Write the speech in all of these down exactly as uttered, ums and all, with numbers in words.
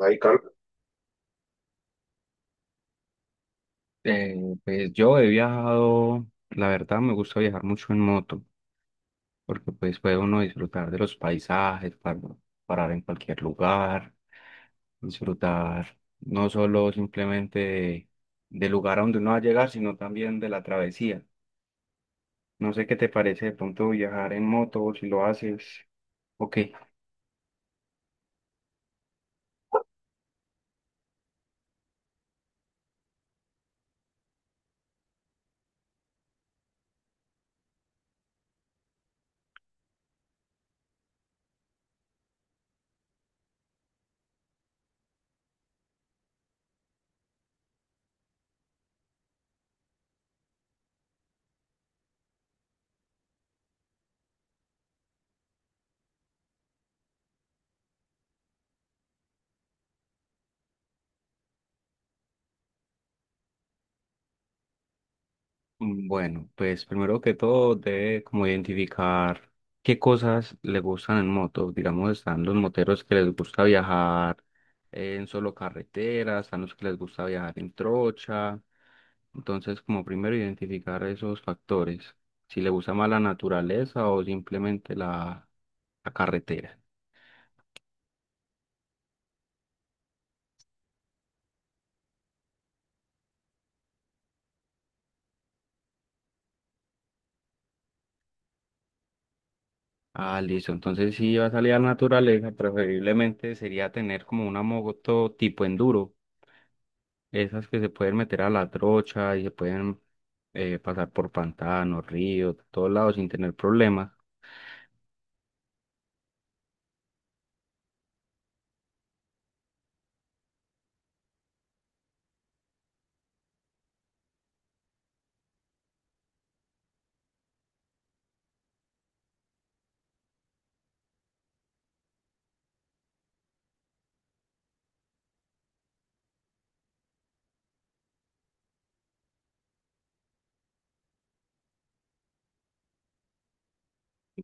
Ahí, Carlos. Eh, pues yo he viajado, la verdad me gusta viajar mucho en moto, porque pues puede uno disfrutar de los paisajes, par- parar en cualquier lugar, disfrutar no solo simplemente de- del lugar a donde uno va a llegar, sino también de la travesía. No sé qué te parece de pronto viajar en moto, si lo haces, ok. Mm, bueno, pues primero que todo debe como identificar qué cosas le gustan en moto. Digamos, están los moteros que les gusta viajar en solo carretera, están los que les gusta viajar en trocha. Entonces, como primero identificar esos factores, si le gusta más la naturaleza o simplemente la, la carretera. Ah, listo. Entonces, si va a salir a la naturaleza, preferiblemente sería tener como una moto tipo enduro. Esas que se pueden meter a la trocha y se pueden eh, pasar por pantanos, ríos, todos lados sin tener problemas.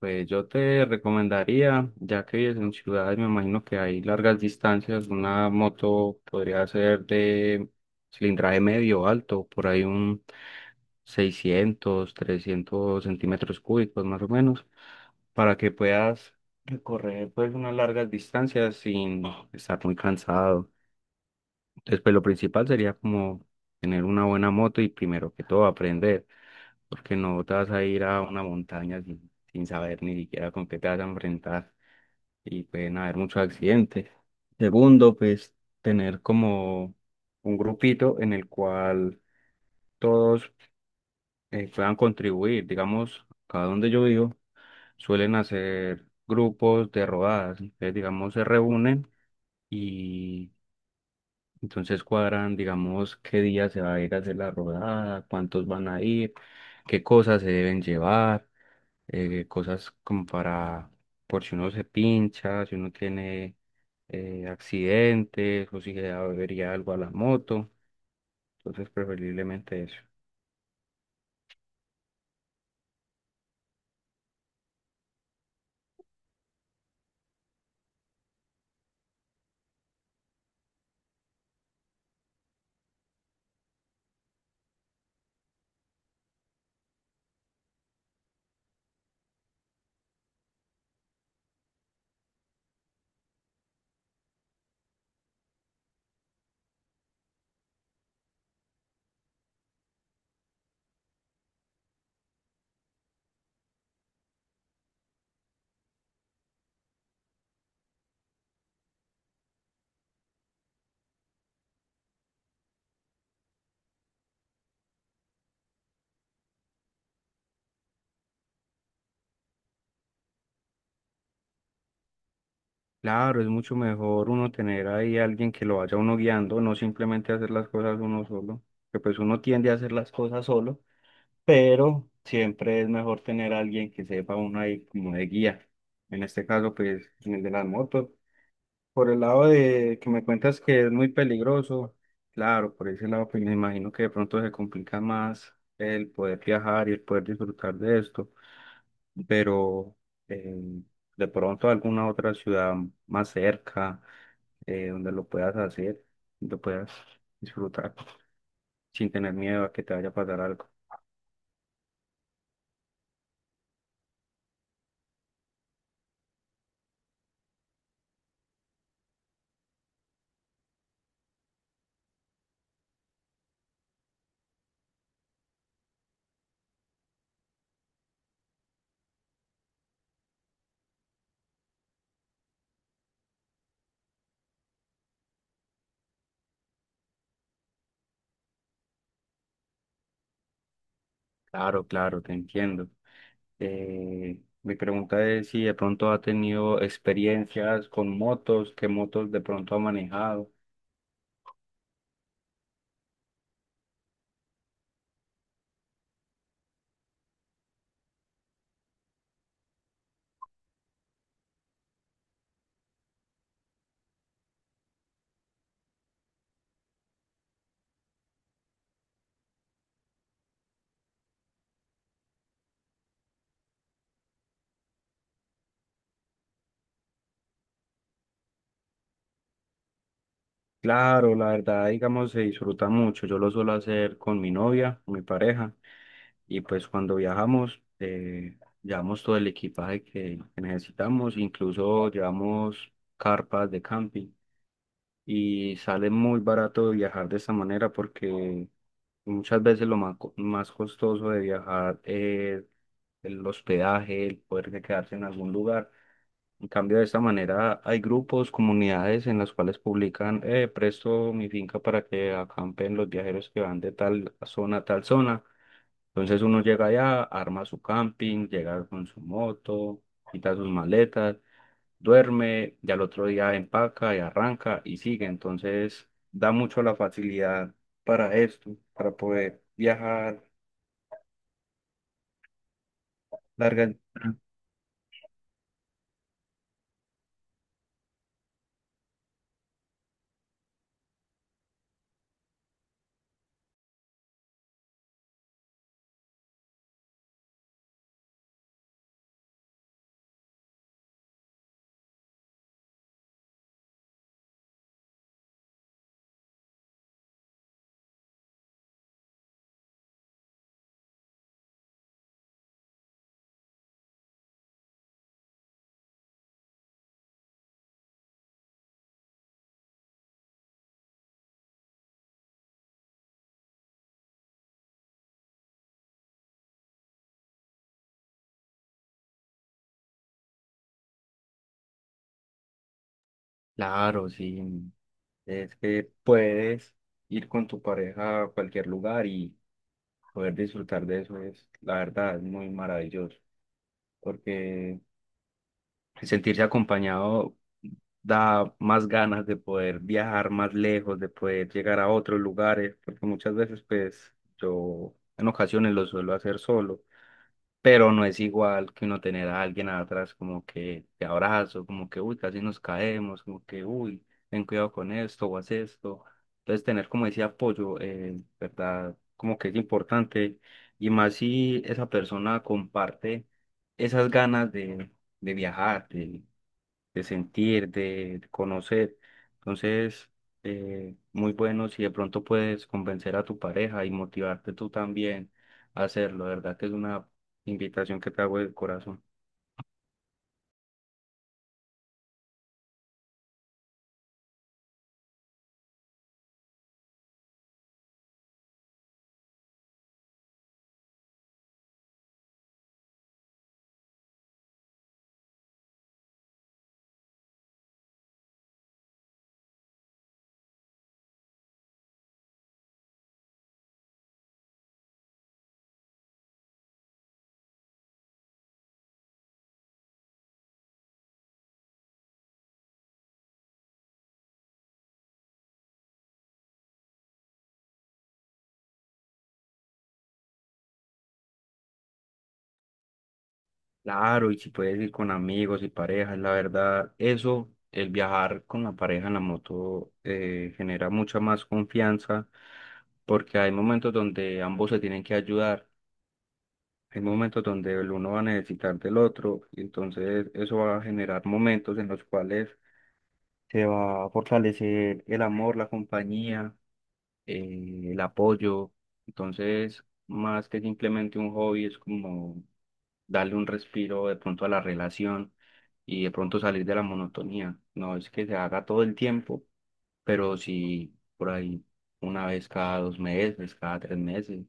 Pues yo te recomendaría, ya que vives en ciudades, me imagino que hay largas distancias, una moto podría ser de cilindraje medio o alto, por ahí un seiscientos, trescientos centímetros cúbicos más o menos, para que puedas recorrer pues unas largas distancias sin estar muy cansado. Entonces, pues lo principal sería como tener una buena moto y primero que todo aprender, porque no te vas a ir a una montaña sin, sin saber ni siquiera con qué te vas a enfrentar, y pueden haber muchos accidentes. Segundo, pues tener como un grupito en el cual todos eh, puedan contribuir. Digamos, acá donde yo vivo, suelen hacer grupos de rodadas. Entonces, digamos, se reúnen y entonces cuadran, digamos, qué día se va a ir a hacer la rodada, cuántos van a ir, qué cosas se deben llevar, eh, cosas como para, por si uno se pincha, si uno tiene eh, accidentes o si le da avería algo a la moto. Entonces preferiblemente eso. Claro, es mucho mejor uno tener ahí alguien que lo vaya uno guiando, no simplemente hacer las cosas uno solo, que pues uno tiende a hacer las cosas solo. Pero siempre es mejor tener a alguien que sepa uno ahí como de guía. En este caso, pues, en el de las motos. Por el lado de que me cuentas que es muy peligroso, claro, por ese lado, pues me imagino que de pronto se complica más el poder viajar y el poder disfrutar de esto, pero eh, de pronto alguna otra ciudad más cerca, eh, donde lo puedas hacer, lo puedas disfrutar sin tener miedo a que te vaya a pasar algo. Claro, claro, te entiendo. Eh, Mi pregunta es si de pronto ha tenido experiencias con motos, qué motos de pronto ha manejado. Claro, la verdad, digamos, se disfruta mucho. Yo lo suelo hacer con mi novia, mi pareja, y pues cuando viajamos, eh, llevamos todo el equipaje que que necesitamos, incluso llevamos carpas de camping. Y sale muy barato viajar de esta manera porque muchas veces lo más, co- más costoso de viajar es el hospedaje, el poder de quedarse en algún lugar. En cambio, de esta manera hay grupos, comunidades en las cuales publican, eh, presto mi finca para que acampen los viajeros que van de tal zona a tal zona. Entonces uno llega allá, arma su camping, llega con su moto, quita sus maletas, duerme, y al otro día empaca y arranca y sigue. Entonces da mucho la facilidad para esto, para poder viajar largas. Claro, sí, es que puedes ir con tu pareja a cualquier lugar y poder disfrutar de eso es, la verdad, es muy maravilloso, porque sentirse acompañado da más ganas de poder viajar más lejos, de poder llegar a otros lugares, porque muchas veces, pues, yo en ocasiones lo suelo hacer solo, pero no es igual que uno tener a alguien atrás como que te abrazo, como que, uy, casi nos caemos, como que, uy, ten cuidado con esto o haz esto. Entonces, tener como ese apoyo, eh, ¿verdad? Como que es importante, y más si esa persona comparte esas ganas de, de viajar, de de sentir, de conocer. Entonces, eh, muy bueno si de pronto puedes convencer a tu pareja y motivarte tú también a hacerlo. De verdad que es una invitación que te hago del corazón. Claro, y si puedes ir con amigos y parejas, la verdad, eso, el viajar con la pareja en la moto eh, genera mucha más confianza porque hay momentos donde ambos se tienen que ayudar. Hay momentos donde el uno va a necesitar del otro y entonces eso va a generar momentos en los cuales se va a fortalecer el amor, la compañía, eh, el apoyo. Entonces, más que simplemente un hobby, es como darle un respiro de pronto a la relación y de pronto salir de la monotonía. No es que se haga todo el tiempo, pero sí por ahí una vez cada dos meses, cada tres meses,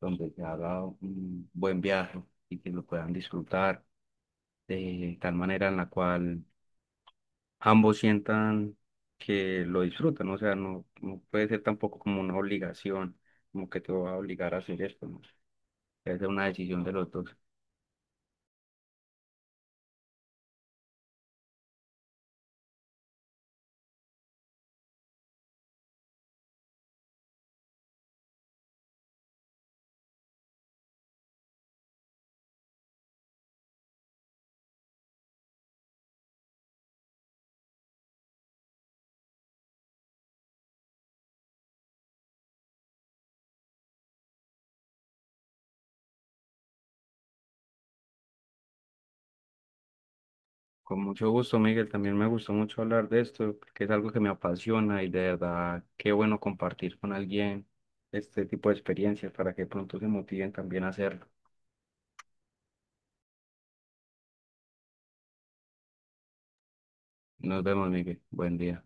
donde se haga un buen viaje y que lo puedan disfrutar de tal manera en la cual ambos sientan que lo disfrutan, o sea, no, no puede ser tampoco como una obligación, como que te va a obligar a hacer esto, ¿no? Es de una decisión de los dos. Con mucho gusto, Miguel, también me gustó mucho hablar de esto, porque es algo que me apasiona y de verdad, qué bueno compartir con alguien este tipo de experiencias para que pronto se motiven también a hacerlo. Nos vemos, Miguel. Buen día.